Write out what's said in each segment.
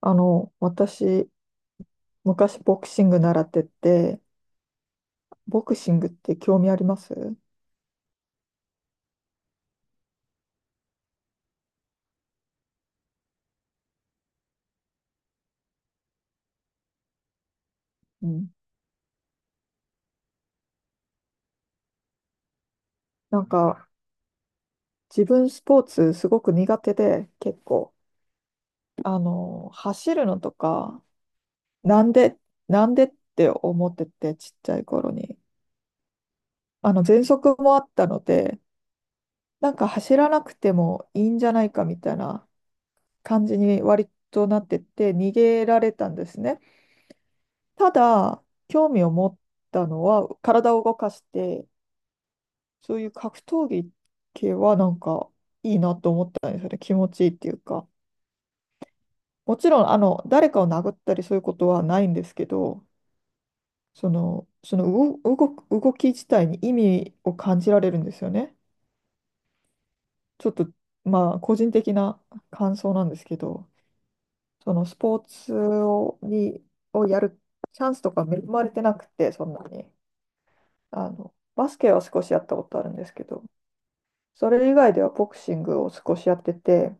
私、昔ボクシング習ってて、ボクシングって興味あります？うん。なんか、自分スポーツすごく苦手で、結構、走るのとか、なんで、なんでって思ってて、ちっちゃい頃に。喘息もあったので、なんか走らなくてもいいんじゃないかみたいな感じに割となってて、逃げられたんですね。ただ、興味を持ったのは、体を動かして、そういう格闘技系はなんかいいなと思ったんですよね。気持ちいいっていうか。もちろん、誰かを殴ったりそういうことはないんですけど、その動き自体に意味を感じられるんですよね。ちょっと、まあ、個人的な感想なんですけど、そのスポーツをやるチャンスとか恵まれてなくて、そんなに。バスケは少しやったことあるんですけど、それ以外ではボクシングを少しやってて、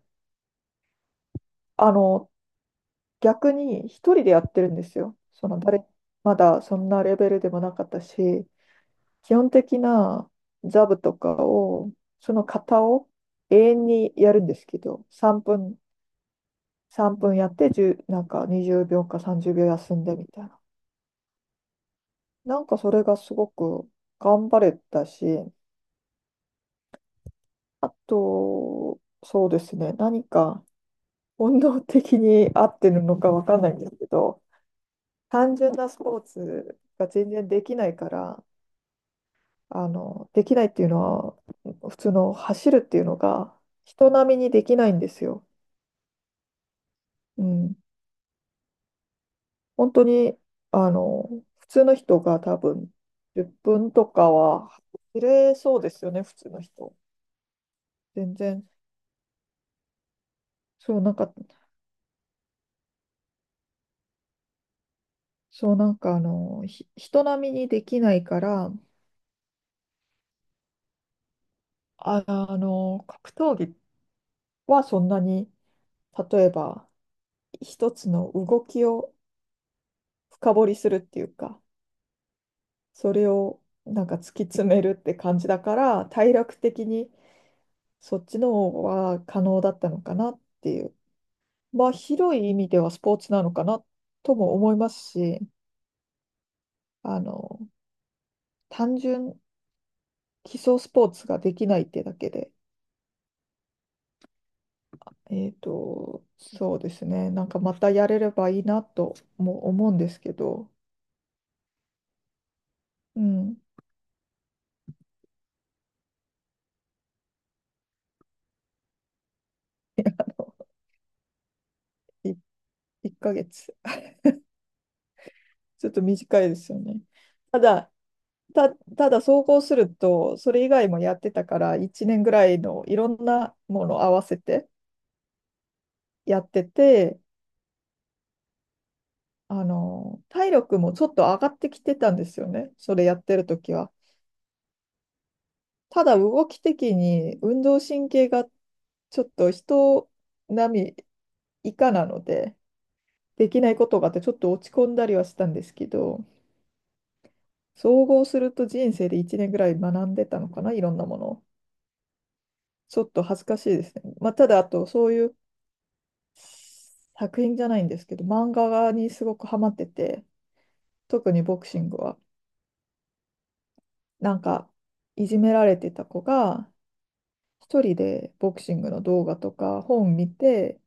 あの、逆に一人でやってるんですよ。その誰、まだそんなレベルでもなかったし、基本的なザブとかを、その型を永遠にやるんですけど、3分やって1なんか20秒か30秒休んでみたいな。なんかそれがすごく頑張れたし、あと、そうですね、何か本能的に合ってるのかわかんないんですけど、単純なスポーツが全然できないから、できないっていうのは、普通の走るっていうのが人並みにできないんですよ。うん。本当に、あの、普通の人が多分10分とかは走れそうですよね、普通の人。全然、そうなんか、そうなんか、人並みにできないから、格闘技はそんなに、例えば一つの動きを深掘りするっていうか、それをなんか突き詰めるって感じだから体力的にそっちの方は可能だったのかなっていう。まあ広い意味ではスポーツなのかなとも思いますし、あの単純基礎スポーツができないってだけで、そうですね、なんかまたやれればいいなとも思うんですけど。うん。1 ヶ月。ちょっと短いですよね。ただた、ただ総合すると、それ以外もやってたから、1年ぐらいのいろんなものを合わせてやってて、体力もちょっと上がってきてたんですよね、それやってる時は。ただ動き的に運動神経がちょっと人並み以下なので、できないことがあってちょっと落ち込んだりはしたんですけど、総合すると人生で1年ぐらい学んでたのかな、いろんなものを。ちょっと恥ずかしいですね。まあ、ただ、あと、そういう作品じゃないんですけど、漫画にすごくハマってて、特にボクシングは。なんか、いじめられてた子が、一人でボクシングの動画とか本見て、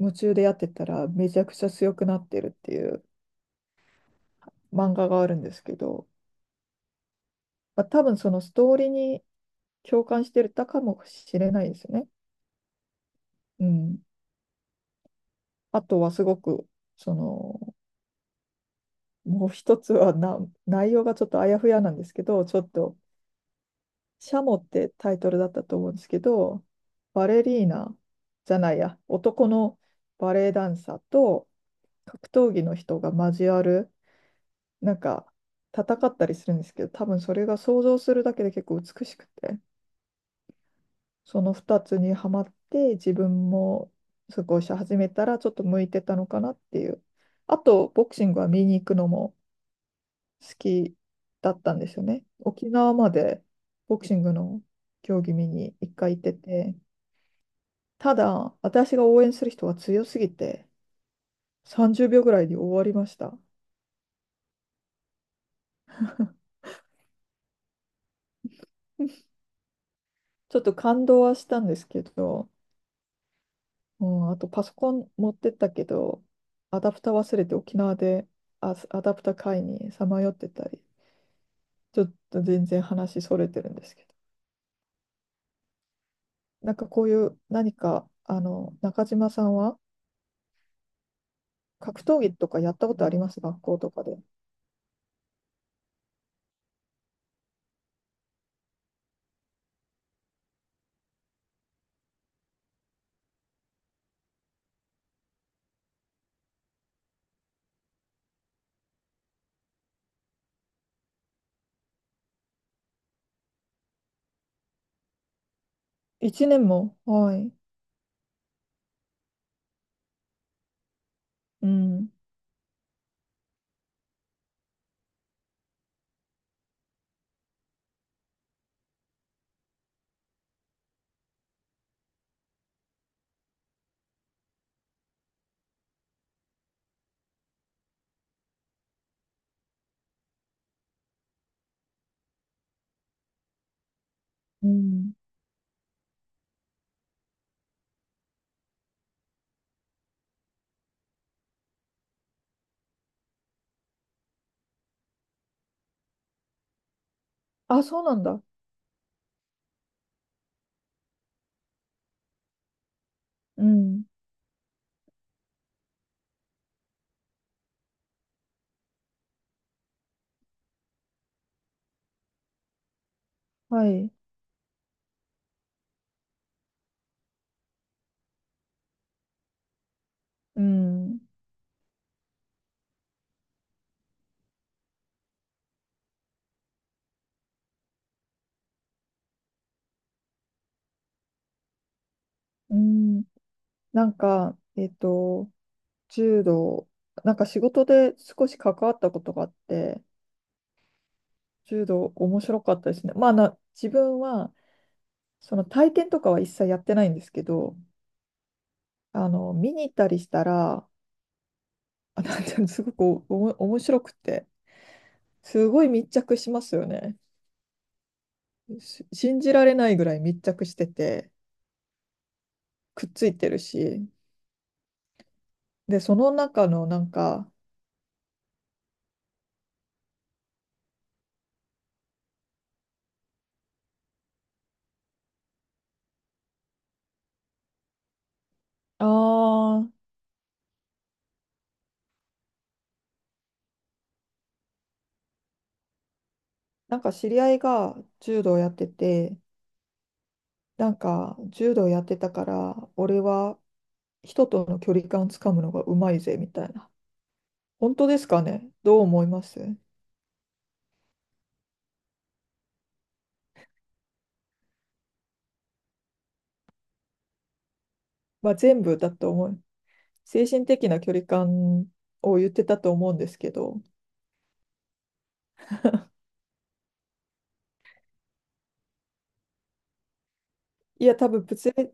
夢中でやってたらめちゃくちゃ強くなってるっていう漫画があるんですけど、まあ、多分そのストーリーに共感してたかもしれないですね。うん。あとはすごく、その、もう一つは内容がちょっとあやふやなんですけど、ちょっとシャモってタイトルだったと思うんですけど、バレリーナじゃないや、男のバレエダンサーと格闘技の人が交わる、なんか戦ったりするんですけど、多分それが想像するだけで結構美しくて、その2つにはまって自分もすごいし始めたらちょっと向いてたのかなっていう。あと、ボクシングは見に行くのも好きだったんですよね。沖縄までボクシングの競技見に一回行ってて、ただ、私が応援する人は強すぎて、30秒ぐらいで終わりました。ちょっと感動はしたんですけど、うん、あとパソコン持ってったけど、アダプター忘れて沖縄でアダプター買いにさまよってたり、ちょっと全然話それてるんですけど、なんかこういう何か、中島さんは格闘技とかやったことあります学校とかで？1年も、はい。うん。うん。あ、そうなんだ。うん。はい。うん、うん、なんか、柔道、なんか仕事で少し関わったことがあって、柔道面白かったですね。まあ、自分は、その体験とかは一切やってないんですけど、見に行ったりしたら、なんていうのすごく面白くて、すごい密着しますよね。信じられないぐらい密着してて、くっついてるし、で、その中のなんか、ああなんか知り合いが柔道やってて、なんか柔道やってたから、俺は人との距離感つかむのがうまいぜみたいな。本当ですかね？どう思います？まあ全部だと思う。精神的な距離感を言ってたと思うんですけど、いや多分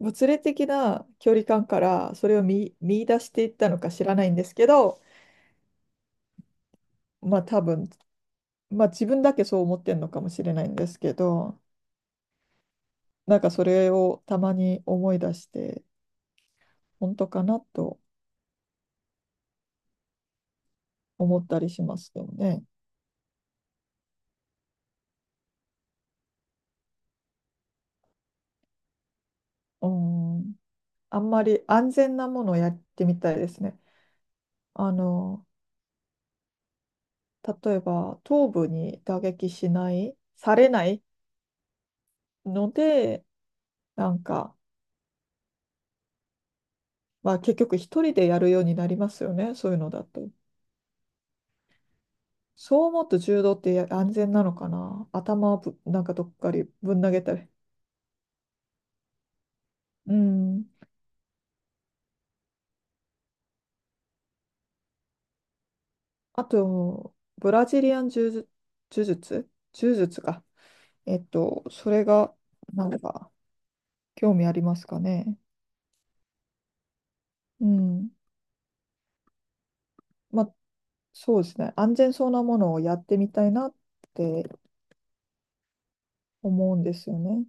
物理的な距離感からそれを見出していったのか知らないんですけど、まあ多分、まあ自分だけそう思ってるのかもしれないんですけど、なんかそれをたまに思い出して。本当かなと思ったりしますけどね。うん、あんまり安全なものをやってみたいですね。あの、例えば頭部に打撃しない、されないので、なんか、まあ結局一人でやるようになりますよね、そういうのだと。そう思うと柔道って安全なのかな。頭をなんかどっかにぶん投げたり。うん。あと、ブラジリアン柔術、柔術か。それが、なんか、興味ありますかね。うん。まあ、そうですね。安全そうなものをやってみたいなって思うんですよね。